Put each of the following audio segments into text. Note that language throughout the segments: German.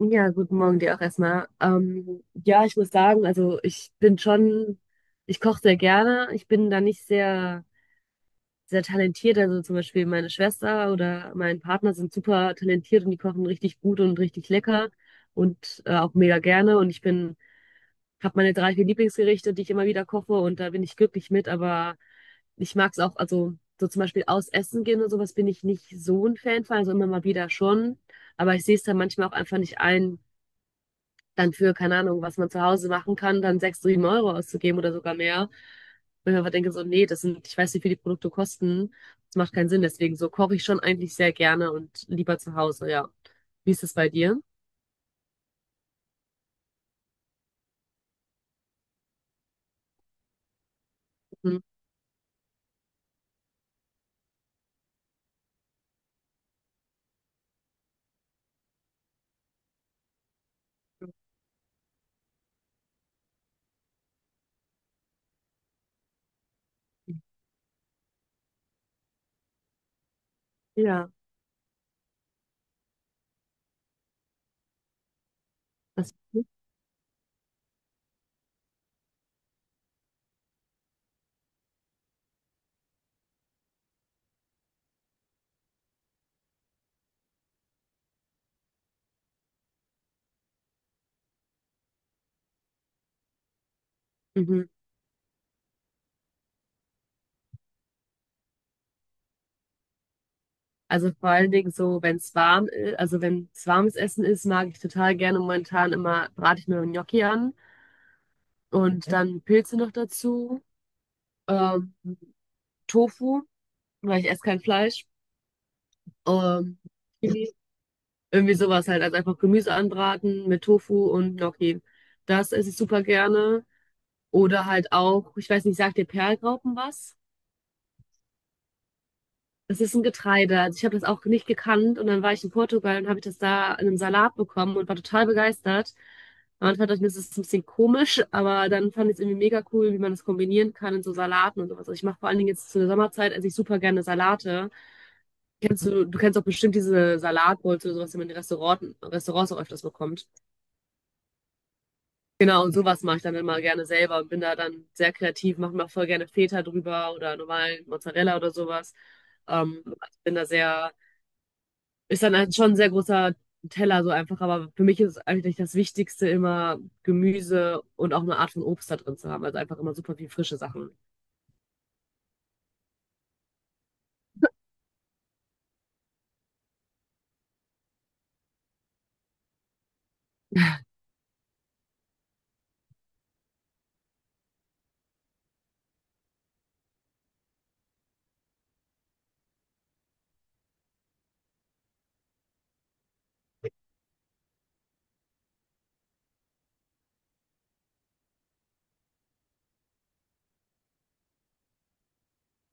Ja, guten Morgen dir auch erstmal. Ja, ich muss sagen, also ich koche sehr gerne. Ich bin da nicht sehr, sehr talentiert. Also zum Beispiel meine Schwester oder mein Partner sind super talentiert und die kochen richtig gut und richtig lecker und auch mega gerne. Habe meine drei, vier Lieblingsgerichte, die ich immer wieder koche und da bin ich glücklich mit. Aber ich mag es auch, also so zum Beispiel aus Essen gehen und sowas bin ich nicht so ein Fan von, also immer mal wieder schon. Aber ich sehe es dann manchmal auch einfach nicht ein dann für, keine Ahnung, was man zu Hause machen kann, dann 6, 7 Euro auszugeben oder sogar mehr. Und ich mir einfach denke so, nee, das sind, ich weiß nicht, wie viel die Produkte kosten. Das macht keinen Sinn. Deswegen so koche ich schon eigentlich sehr gerne und lieber zu Hause, ja. Wie ist das bei dir? Mhm. Ja. Das, mhm. Also vor allen Dingen so, wenn es warm ist, also wenn es warmes Essen ist, mag ich total gerne momentan immer, brate ich mir einen Gnocchi an und dann Pilze noch dazu, ähm, Tofu, weil ich esse kein Fleisch. Ähm, Irgendwie sowas halt. Also einfach Gemüse anbraten mit Tofu und Gnocchi. Das esse ich super gerne. Oder halt auch, ich weiß nicht, sagt dir Perlgraupen was? Das ist ein Getreide. Also ich habe das auch nicht gekannt und dann war ich in Portugal und habe ich das da in einem Salat bekommen und war total begeistert. Am Anfang dachte ich mir, das ist ein bisschen komisch, aber dann fand ich es irgendwie mega cool, wie man das kombinieren kann in so Salaten und sowas. Also ich mache vor allen Dingen jetzt zu der Sommerzeit, esse ich super gerne Salate. Kennst du, du kennst auch bestimmt diese Salatbowls oder sowas, die man in Restaurants auch öfters bekommt. Genau, und sowas mache ich dann immer gerne selber und bin da dann sehr kreativ, mache mir auch voll gerne Feta drüber oder normalen Mozzarella oder sowas. Also ist dann halt schon ein sehr großer Teller so einfach, aber für mich ist eigentlich das Wichtigste immer Gemüse und auch eine Art von Obst da drin zu haben, also einfach immer super viel frische Sachen.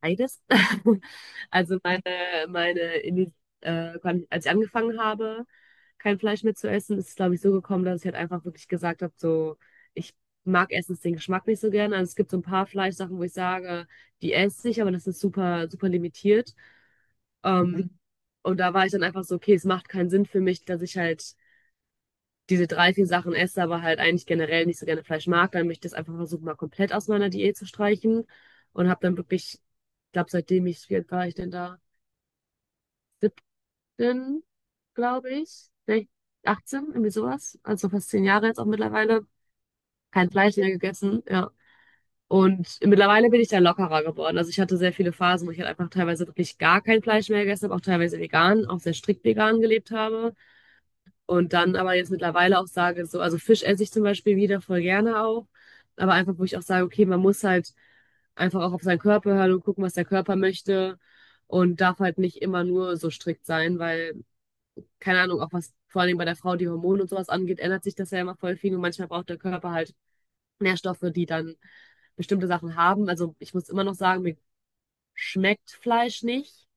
Beides. Also meine, Ini- als ich angefangen habe, kein Fleisch mehr zu essen, ist es, glaube ich, so gekommen, dass ich halt einfach wirklich gesagt habe, so, ich mag erstens den Geschmack nicht so gerne. Also es gibt so ein paar Fleischsachen, wo ich sage, die esse ich, aber das ist super, super limitiert. Ähm, Mhm. Und da war ich dann einfach so, okay, es macht keinen Sinn für mich, dass ich halt diese drei, vier Sachen esse, aber halt eigentlich generell nicht so gerne Fleisch mag, dann möchte ich das einfach versuchen, mal komplett aus meiner Diät zu streichen. Und habe dann wirklich, ich glaube, seitdem ich, wie alt war ich denn da? 17, glaube ich. Vielleicht 18, irgendwie sowas. Also fast 10 Jahre jetzt auch mittlerweile. Kein Fleisch mehr gegessen, ja. Und mittlerweile bin ich da lockerer geworden. Also ich hatte sehr viele Phasen, wo ich halt einfach teilweise wirklich gar kein Fleisch mehr gegessen habe, auch teilweise vegan, auch sehr strikt vegan gelebt habe. Und dann aber jetzt mittlerweile auch sage, so, also Fisch esse ich zum Beispiel wieder voll gerne auch. Aber einfach, wo ich auch sage, okay, man muss halt einfach auch auf seinen Körper hören und gucken, was der Körper möchte. Und darf halt nicht immer nur so strikt sein, weil, keine Ahnung, auch was vor allem bei der Frau die Hormone und sowas angeht, ändert sich das ja immer voll viel. Und manchmal braucht der Körper halt Nährstoffe, die dann bestimmte Sachen haben. Also ich muss immer noch sagen, mir schmeckt Fleisch nicht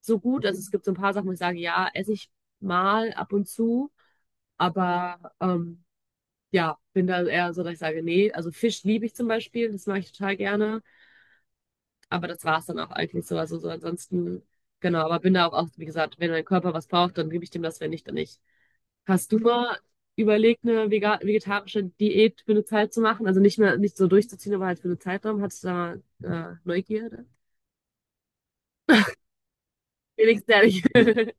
so gut. Also es gibt so ein paar Sachen, wo ich sage, ja, esse ich mal ab und zu. Aber ja, bin da eher so, dass ich sage, nee, also Fisch liebe ich zum Beispiel, das mache ich total gerne, aber das war es dann auch eigentlich so, also so ansonsten, genau, aber bin da auch, auch, wie gesagt, wenn mein Körper was braucht, dann gebe ich dem das, wenn nicht, dann nicht. Hast du mal überlegt, eine vegetarische Diät für eine Zeit zu machen? Also nicht mehr, nicht so durchzuziehen, aber halt für eine Zeitraum, hattest du da Neugierde? Wenigstens ehrlich.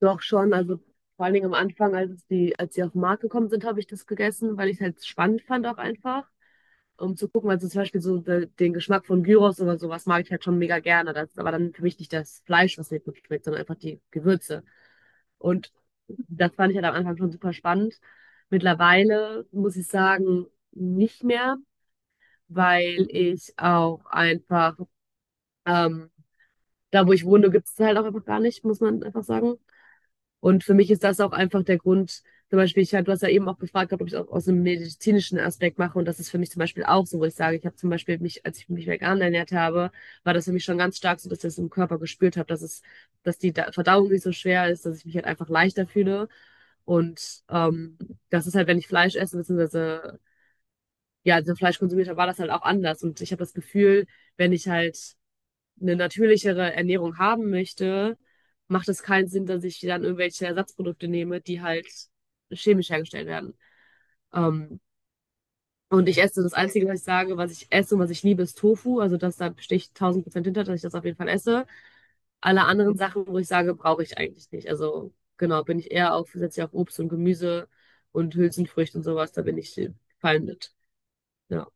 Doch schon, also vor allen Dingen am Anfang, als es die, als sie auf den Markt gekommen sind, habe ich das gegessen, weil ich es halt spannend fand auch einfach, um zu gucken, also zum Beispiel so den Geschmack von Gyros oder sowas mag ich halt schon mega gerne. Das ist aber dann für mich nicht das Fleisch, was mir gut schmeckt, sondern einfach die Gewürze. Und das fand ich halt am Anfang schon super spannend. Mittlerweile muss ich sagen, nicht mehr, weil ich auch einfach, ähm, da wo ich wohne, gibt es halt auch einfach gar nicht, muss man einfach sagen. Und für mich ist das auch einfach der Grund, zum Beispiel, ich, du hast ja eben auch gefragt, ob ich es auch aus einem medizinischen Aspekt mache. Und das ist für mich zum Beispiel auch so, wo ich sage, ich habe zum Beispiel mich, als ich mich vegan ernährt habe, war das für mich schon ganz stark so, dass ich das im Körper gespürt habe, dass es, dass die Verdauung nicht so schwer ist, dass ich mich halt einfach leichter fühle. Und das ist halt, wenn ich Fleisch esse, beziehungsweise ja, also Fleisch konsumiert habe, war das halt auch anders. Und ich habe das Gefühl, wenn ich halt eine natürlichere Ernährung haben möchte, macht es keinen Sinn, dass ich dann irgendwelche Ersatzprodukte nehme, die halt chemisch hergestellt werden. Ähm, und ich esse das Einzige, was ich sage, was ich esse und was ich liebe, ist Tofu. Also das, da stehe ich 1000% hinter, dass ich das auf jeden Fall esse. Alle anderen Sachen, wo ich sage, brauche ich eigentlich nicht. Also genau, bin ich eher auf, setze ich auf Obst und Gemüse und Hülsenfrüchte und sowas, da bin ich fein mit. Ja,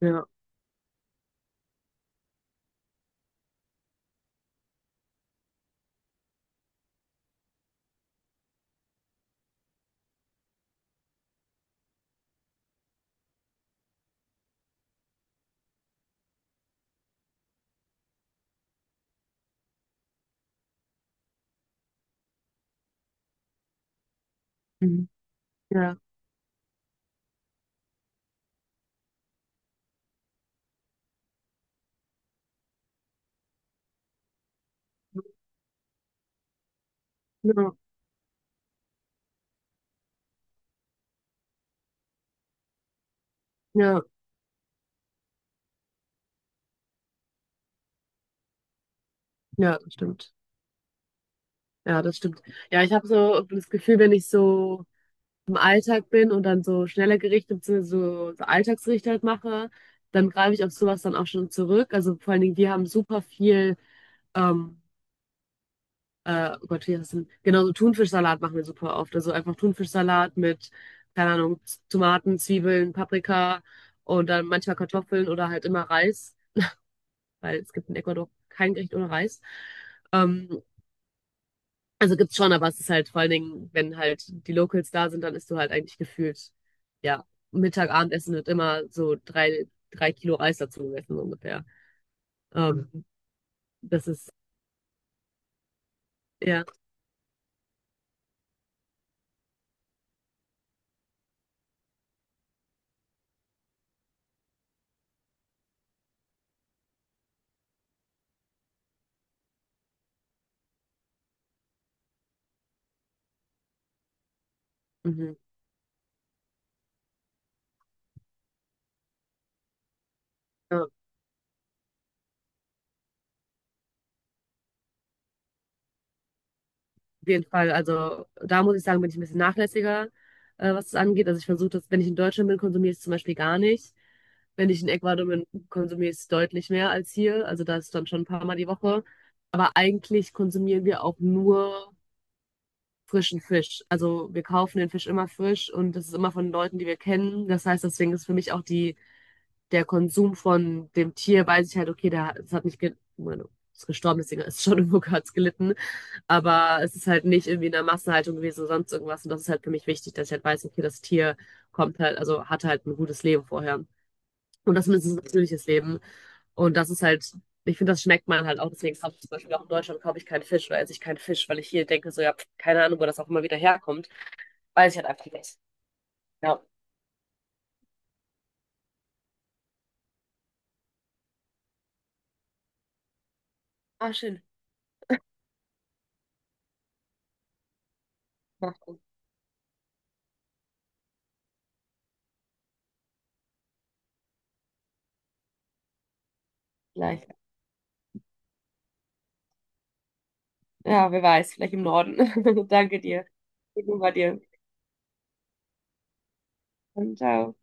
ja, mhm. Ja, ja, ja, ja, stimmt. Ja, das stimmt. Ja, ich habe so das Gefühl, wenn ich so im Alltag bin und dann so schnelle Gerichte, beziehungsweise so, so Alltagsgerichte halt mache, dann greife ich auf sowas dann auch schon zurück. Also vor allen Dingen, wir haben super viel, ähm, oh Gott, wie heißt das denn? Genau, so Thunfischsalat machen wir super oft. Also einfach Thunfischsalat mit, keine Ahnung, Tomaten, Zwiebeln, Paprika und dann manchmal Kartoffeln oder halt immer Reis, weil es gibt in Ecuador kein Gericht ohne Reis. Ähm, Also gibt's schon, aber es ist halt vor allen Dingen, wenn halt die Locals da sind, dann isst du halt eigentlich gefühlt, ja, Mittag, Abendessen wird immer so drei Kilo Reis dazu gegessen, so ungefähr. Ähm, das ist, ja, mhm. Ja, auf jeden Fall. Also da muss ich sagen, bin ich ein bisschen nachlässiger, was das angeht. Also ich versuche das, wenn ich in Deutschland bin, konsumiere ich es zum Beispiel gar nicht. Wenn ich in Ecuador bin, konsumiere ich es deutlich mehr als hier. Also da ist dann schon ein paar Mal die Woche. Aber eigentlich konsumieren wir auch nur frischen Fisch. Also wir kaufen den Fisch immer frisch und das ist immer von Leuten, die wir kennen. Das heißt, deswegen ist für mich auch die, der Konsum von dem Tier, weiß ich halt, okay, der, das hat nicht, ge bueno, ist gestorben, deswegen ist es schon irgendwo kurz gelitten. Aber es ist halt nicht irgendwie in der Massenhaltung gewesen oder sonst irgendwas. Und das ist halt für mich wichtig, dass ich halt weiß, okay, das Tier kommt halt, also hatte halt ein gutes Leben vorher. Und das mindestens ein natürliches Leben. Und das ist halt, ich finde, das schmeckt man halt auch. Deswegen kaufe ich zum Beispiel auch in Deutschland kaufe ich keinen Fisch oder esse ich keinen Fisch, weil ich hier denke, so ja, pf, keine Ahnung, wo das auch immer wieder herkommt. Weil ich halt einfach vergessen. Ja. Ah, schön. Ja, vielleicht. Ja, wer weiß, vielleicht im Norden. Danke dir. Gut bei dir. Und ciao.